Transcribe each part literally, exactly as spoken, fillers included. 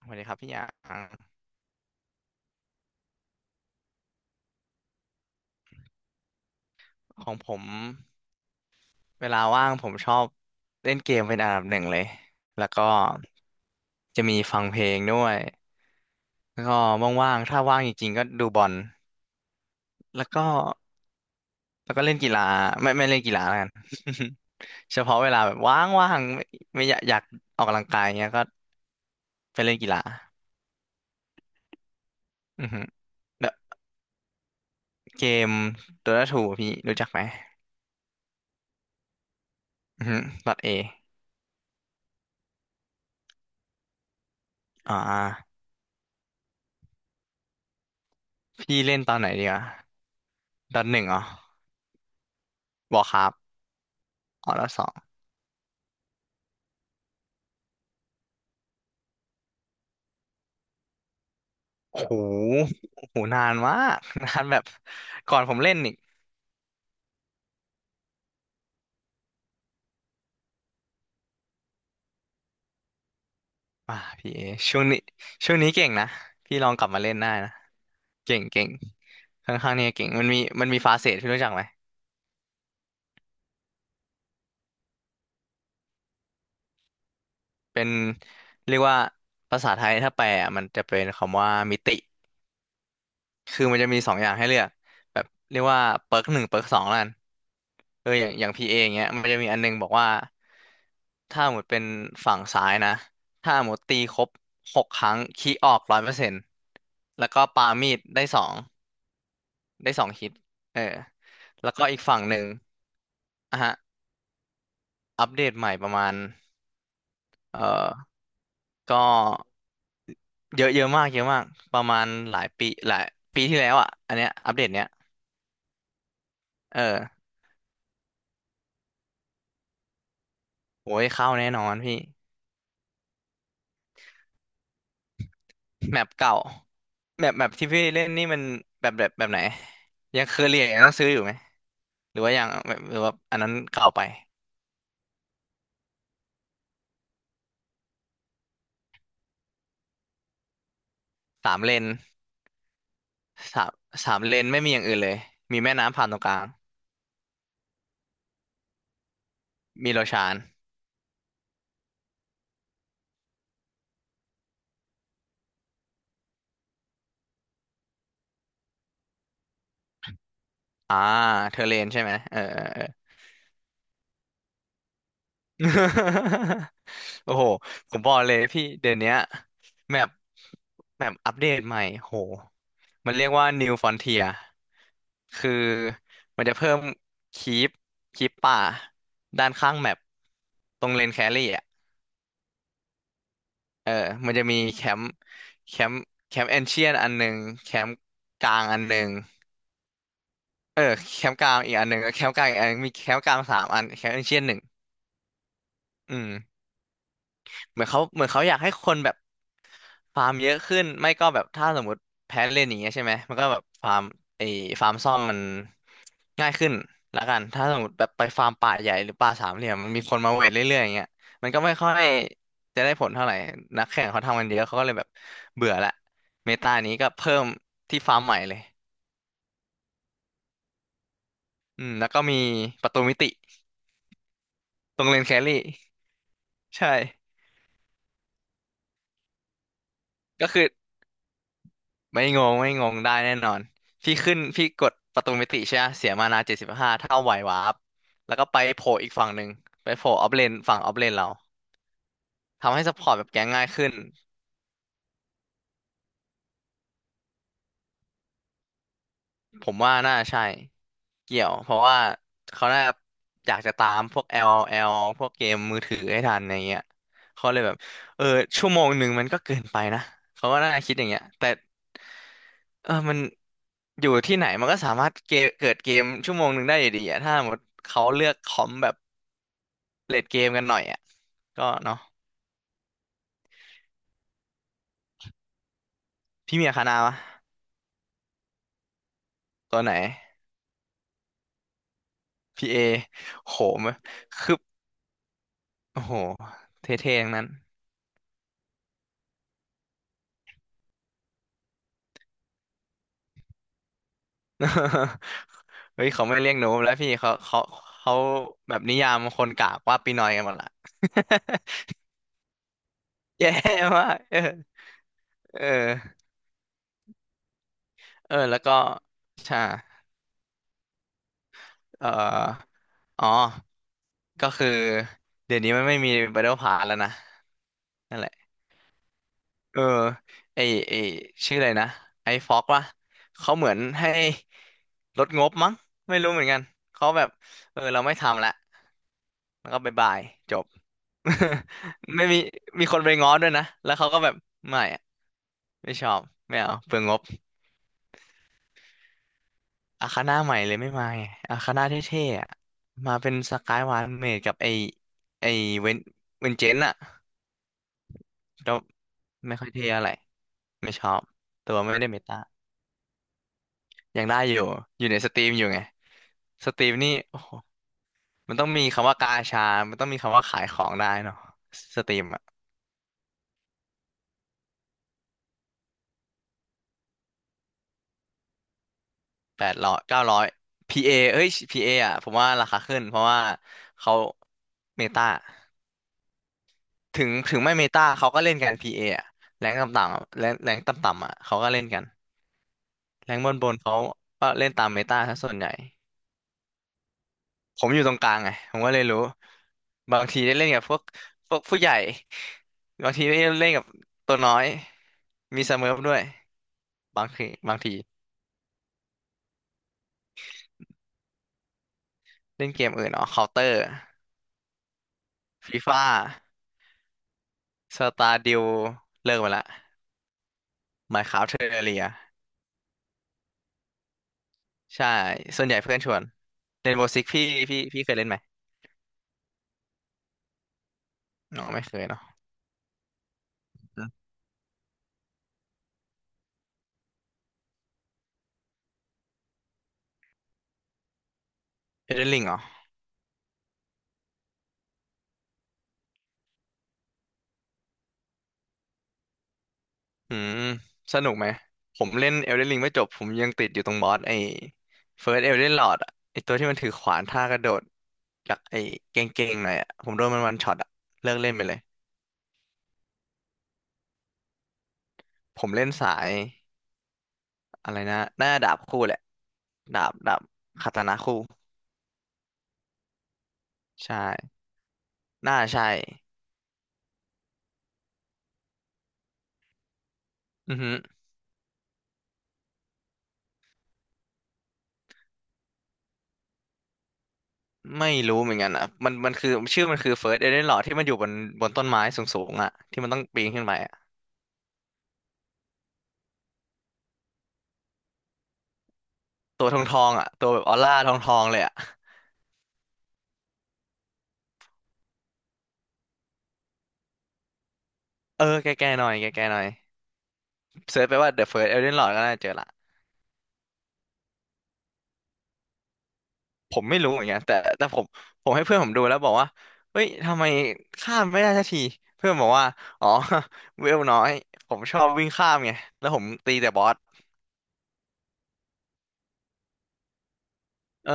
สวัสดีครับพี่หยางของผมเวลาว่างผมชอบเล่นเกมเป็นอันดับหนึ่งเลยแล้วก็จะมีฟังเพลงด้วยแล้วก็ว่างๆถ้าว่างจริงๆก็ดูบอลแล้วก็แล้วก็เล่นกีฬาไม่ไม่เล่นกีฬาแล้วกัน เฉพาะเวลาแบบว่างๆไม่ไม่อยากอยากออกกำลังกายเงี้ยก็ไปเล่นกีฬาอือฮึแล้วเกมโดต้าทูพี่รู้จักไหมอือฮึดอทเออ่าพี่เล่นตอนไหนดีอ่ะดอทหนึ่งเหรอวอร์คราฟ อ๋อแล้วสองโอ้โหโอ้โหนานมาก นานแบบก่อนผมเล่นอีกอ่าพี่เอช่วงนี้ช่วงนี้เก่งนะ พี่ลองกลับมาเล่นได้นะ เก่งเก่งค่อนข้างเนี่ยเก่ง มันมีมันมีฟาเซทที่รู้จักไหมเป็นเรียกว่าภาษาไทยถ้าแปลอะมันจะเป็นคำว่ามิติ คือมันจะมีสองอย่างให้เลือกแบบเรียกว่าเปิร์กหนึ่งเปิร์กสองแล้วกันเอออย่างอย่างพีเออย่างเงี้ยมันจะมีอันนึงบอกว่าถ้าหมดเป็นฝั่งซ้ายนะถ้าหมดตีครบหกครั้งคีออกร้อยเปอร์เซ็นต์แล้วก็ปามีดได้สองได้สองฮิตเออแล้วก็อีกฝั่งหนึ่งอ่ะฮะอัปเดตใหม่ประมาณเออก็เยอะเยอะมากเยอะมากประมาณหลายปีหลายปีที่แล้วอ่ะอันเนี้ยอัปเดตเนี้ยเออโอ้ยเข้าแน่นอนพี่ แมปเก่าแมปแมปที่พี่เล่นนี่มันแบบแบบแบบไหนยังเคยเรียนยังต้องซื้ออยู่ไหมหรือว่ายังแบบหรือว่าอันนั้นเก่าไปสามเลนสามสามเลนไม่มีอย่างอื่นเลยมีแม่น้ำผ่านตรงกลางมีโลชานอ่าเธอเลนใช่ไหมเออเออ โอ้โหผมบอกเลยพี่เดี๋ยวเนี้ยแมปแมปอัปเดตใหม่โหมันเรียกว่า New Frontier คือมันจะเพิ่มคีปคีปป่าด้านข้างแมปตรงเลนแครี่อ่ะเออมันจะมีแคมป์แคมป์แคมป์เอนเชียนอันหนึ่งแคมป์กลางอันหนึ่งเออแคมป์กลางอีกอันหนึ่งแคมป์กลางอีกอันหนึ่งมีแคมป์กลางสามอันแคมป์เอนเชียนหนึ่งอืม เหมือนเขาเหมือนเขาอยากให้คนแบบฟาร์มเยอะขึ้นไม่ก็แบบถ้าสมมติแพ้เล่นอย่างเงี้ยใช่ไหมมันก็แบบฟาร์มไอ้ฟาร์มซ่อมมันง่ายขึ้นละกันถ้าสมมติแบบไปฟาร์มป่าใหญ่หรือป่าสามเหลี่ยมมันมีคนมาเวทเรื่อยๆอย่างเงี้ยมันก็ไม่ค่อยจะได้ผลเท่าไหร่นักแข่งเขาทำกันเยอะเขาก็เลยแบบเบื่อละเมตานี้ก็เพิ่มที่ฟาร์มใหม่เลยอืมแล้วก็มีประตูมิติตรงเลนแครี่ใช่ก็คือ ไม่งงไม่งงได้แน่นอนพี่ขึ้นพี่กดประตูมิติใช่ไหมเสียมานาเจ็ดสิบห้าเท่าไหววาร์ปแล้วก็ไปโผล่อีกฝั่งหนึ่งไปโผล่ออฟเลนฝั่งออฟเลนเราทำให้ซัพพอร์ตแบบแก๊งง่ายขึ้นผมว่าน่าใช่เกี่ยวเพราะว่าเขาน่าอยากจะตามพวก l อ l พวกเกมมือถือให้ทันอย่างเงี้ยเขาเลยแบบเออชั่วโมงหนึ่งมันก็เกินไปนะเขาก็น่าคิดอย่างเงี้ยแต่ เออมันอยู่ที่ไหนมันก็สามารถเกมเกิดเกมชั่วโมงหนึ่งได้อยู่ดีอะถ้าสมมติเขาเลือกคอมแบบเลดเกมกันหน่อยอ่ะก็เนาะพี่เมียคานาวะตัวไหนพีเอโหมนคือโอ้โหเท่ๆทั้งนั้น เฮ้ยเขาไม่เรียกหนูแล้วพี่เขาเขาเขาแบบนิยามคนกากว่าปีนอยกันหมดละ แย่มากเออเออเออแล้วก็ใช่ เอ่ออ๋อ ก็คือเดี๋ยวนี้มันไม่มี Battle Pass แล้วนะนั่นแหละเออไอไอชื่ออะไรนะไอฟ็อกวะเขาเหมือนให้ลดงบมั้งไม่รู้เหมือนกันเขาแบบเออเราไม่ทำละแล้วก็บายบายจบ ไม่มีมีคนไปง้อด้วยนะแล้วเขาก็แบบไม่อะไม่ชอบไม่เอาเปลืองงบอาคาน่าใหม่เลยไม่มาไงอาคาน่าเท่ๆอะมาเป็นสกายวานเมดกับไอไอเวนเวนเจนอะ ก็ไม่ค่อยเท่อะไรไม่ชอบตัวไม่ได้เมตายังได้อยู่อยู่ในสตรีมอยู่ไงสตรีมนี่โอ้โหมันต้องมีคำว่ากาชามันต้องมีคำว่าขายของได้เนาะสตรีมอ่ะแปดร้อยเก้าร้อยพีเอเอ้ยพีเออ่ะผมว่าราคาขึ้นเพราะว่าเขาเมตาถึงถึงไม่เมตาเขาก็เล่นกันพีเออ่ะแรงต่ำๆอะแรงแรงต่ำๆอ่ะเขาก็เล่นกันแรงบนบนเขาก็เล่นตามเมตาซะส่วนใหญ่ ผมอยู่ตรงกลางไงผมก็เลยรู้บางทีได้เล่นกับพวกพวกผู้ใหญ่บางทีได้เล่นกับตัวน้อยมีสเมิร์ฟด้วยบางทีบางทีเล่นเกมอื่นอ๋อเคาน์เตอร์ฟีฟ่าสตาร์ดิวเลิกไปละไมน์คราฟเทอร์เรียใช่ส่วนใหญ่เพื่อนชวนเล่นโบสิกพี่พี่พี่เคยเล่นไหมอ๋อไม่เคยเนาะเอเดนริงเหรอ อืมสนุกไหม ผมเล่นเอลเดนริงไม่จบผมยังติดอยู่ตรงบอสไอ้เฟิร์สเอลเดนลอร์ดอะไอ้ตัวที่มันถือขวานท่ากระโดดจากไอ้เก่งๆหน่อยอะผมโดนมันวันช็อตอะเลิกเล่นไปเลยผมเล่นสายอะไรนะหน้าดาบคู่แหละดาบดาบคาตานะคู่ใช่หน้าใช่อือฮึไม่รู้เหมือนกันอ่ะมันมันคือชื่อมันคือเฟิร์สเอเดนลอรดที่มันอยู่บนบนต้นไม้สูงๆอะที่มันต้องปีนขึ้นไปอะตัวทองทองอะตัวแบบออร่าทองทองเลยอะเออแก่ๆหน่อยแก่ๆหน่อย เซิร์ชไปว่า เดอะ เฟิร์สต์ เอลเดน ลอร์ด ก็น่าเจอละผมไม่รู้เหมือนกันแต่แต่ผมผมให้เพื่อนผมดูแล้วบอกว่าเฮ้ยทำไมข้ามไม่ได้สักทีเพื่อนบอกว่าอ๋อ เวลน้อยผมชอบวิ่งข้ามไงแล้วผมตีแต่บอสเออ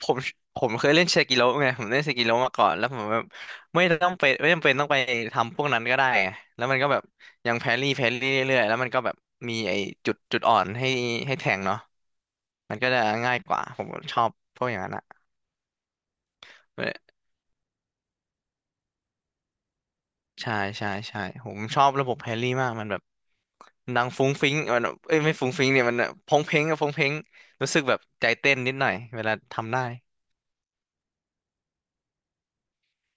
ผมผมเคยเล่นเซกิโร่ไงผมเล่นเซกิโร่มาก่อนแล้วผมแบบไม่ต้องไปไม่จำเป็นต้องไปทำพวกนั้นก็ได้ไงแล้วมันก็แบบยังแพรี่แพรี่เรื่อยๆแล้วมันก็แบบมีไอ้จุดจุดอ่อนให้ให้แทงเนาะมันก็จะง่ายกว่าผมชอบพวกอย่างนั้นอะ ใช่ใช่ใช่ผมชอบระบบแฮร์รี่มากมันแบบมันดังฟุ้งฟิ้งมันแบบเอ้ยไม่ฟุ้งฟิ้งเนี่ยมันแบบพงเพงอะพงเพงรู้สึกแบบใจเต้นนิดหน่อยเวลาทำได้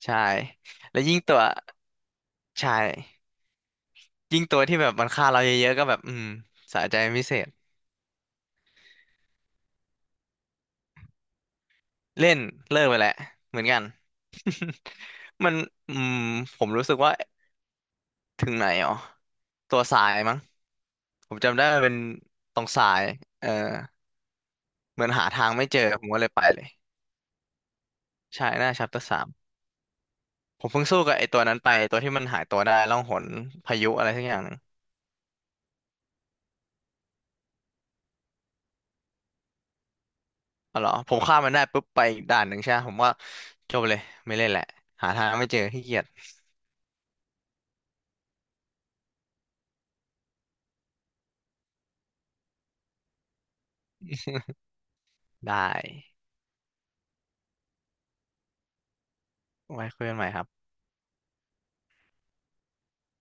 ใช่แล้วยิ่งตัวใช่ยิ่งตัวที่แบบมันฆ่าเราเยอะๆก็แบบอืมสะใจเป็นพิเศษเล่นเลิกไปแหละเหมือนกันมันอืมผมรู้สึกว่าถึงไหนอ๋อตัวสายมั้งผมจำได้มันเป็นตรงสายเออเหมือนหาทางไม่เจอผมก็เลยไปเลยใช่หน้าชัปเตอร์ ผมเพิ่งสู้กับไอ้ตัวนั้นไปตัวที่มันหายตัวได้ล่องหนพายุอะไรสักอย่างหนึ่งอ๋อเหรอ ผมฆ่ามมันได้ปุ๊บไปอีกด่านหนึ่งใช่ไหมผมว่าจบเลยไม่เล่นแหละหาทางไม่เจอขี้เกียจได้ไว้คุยกันใหม่ครับ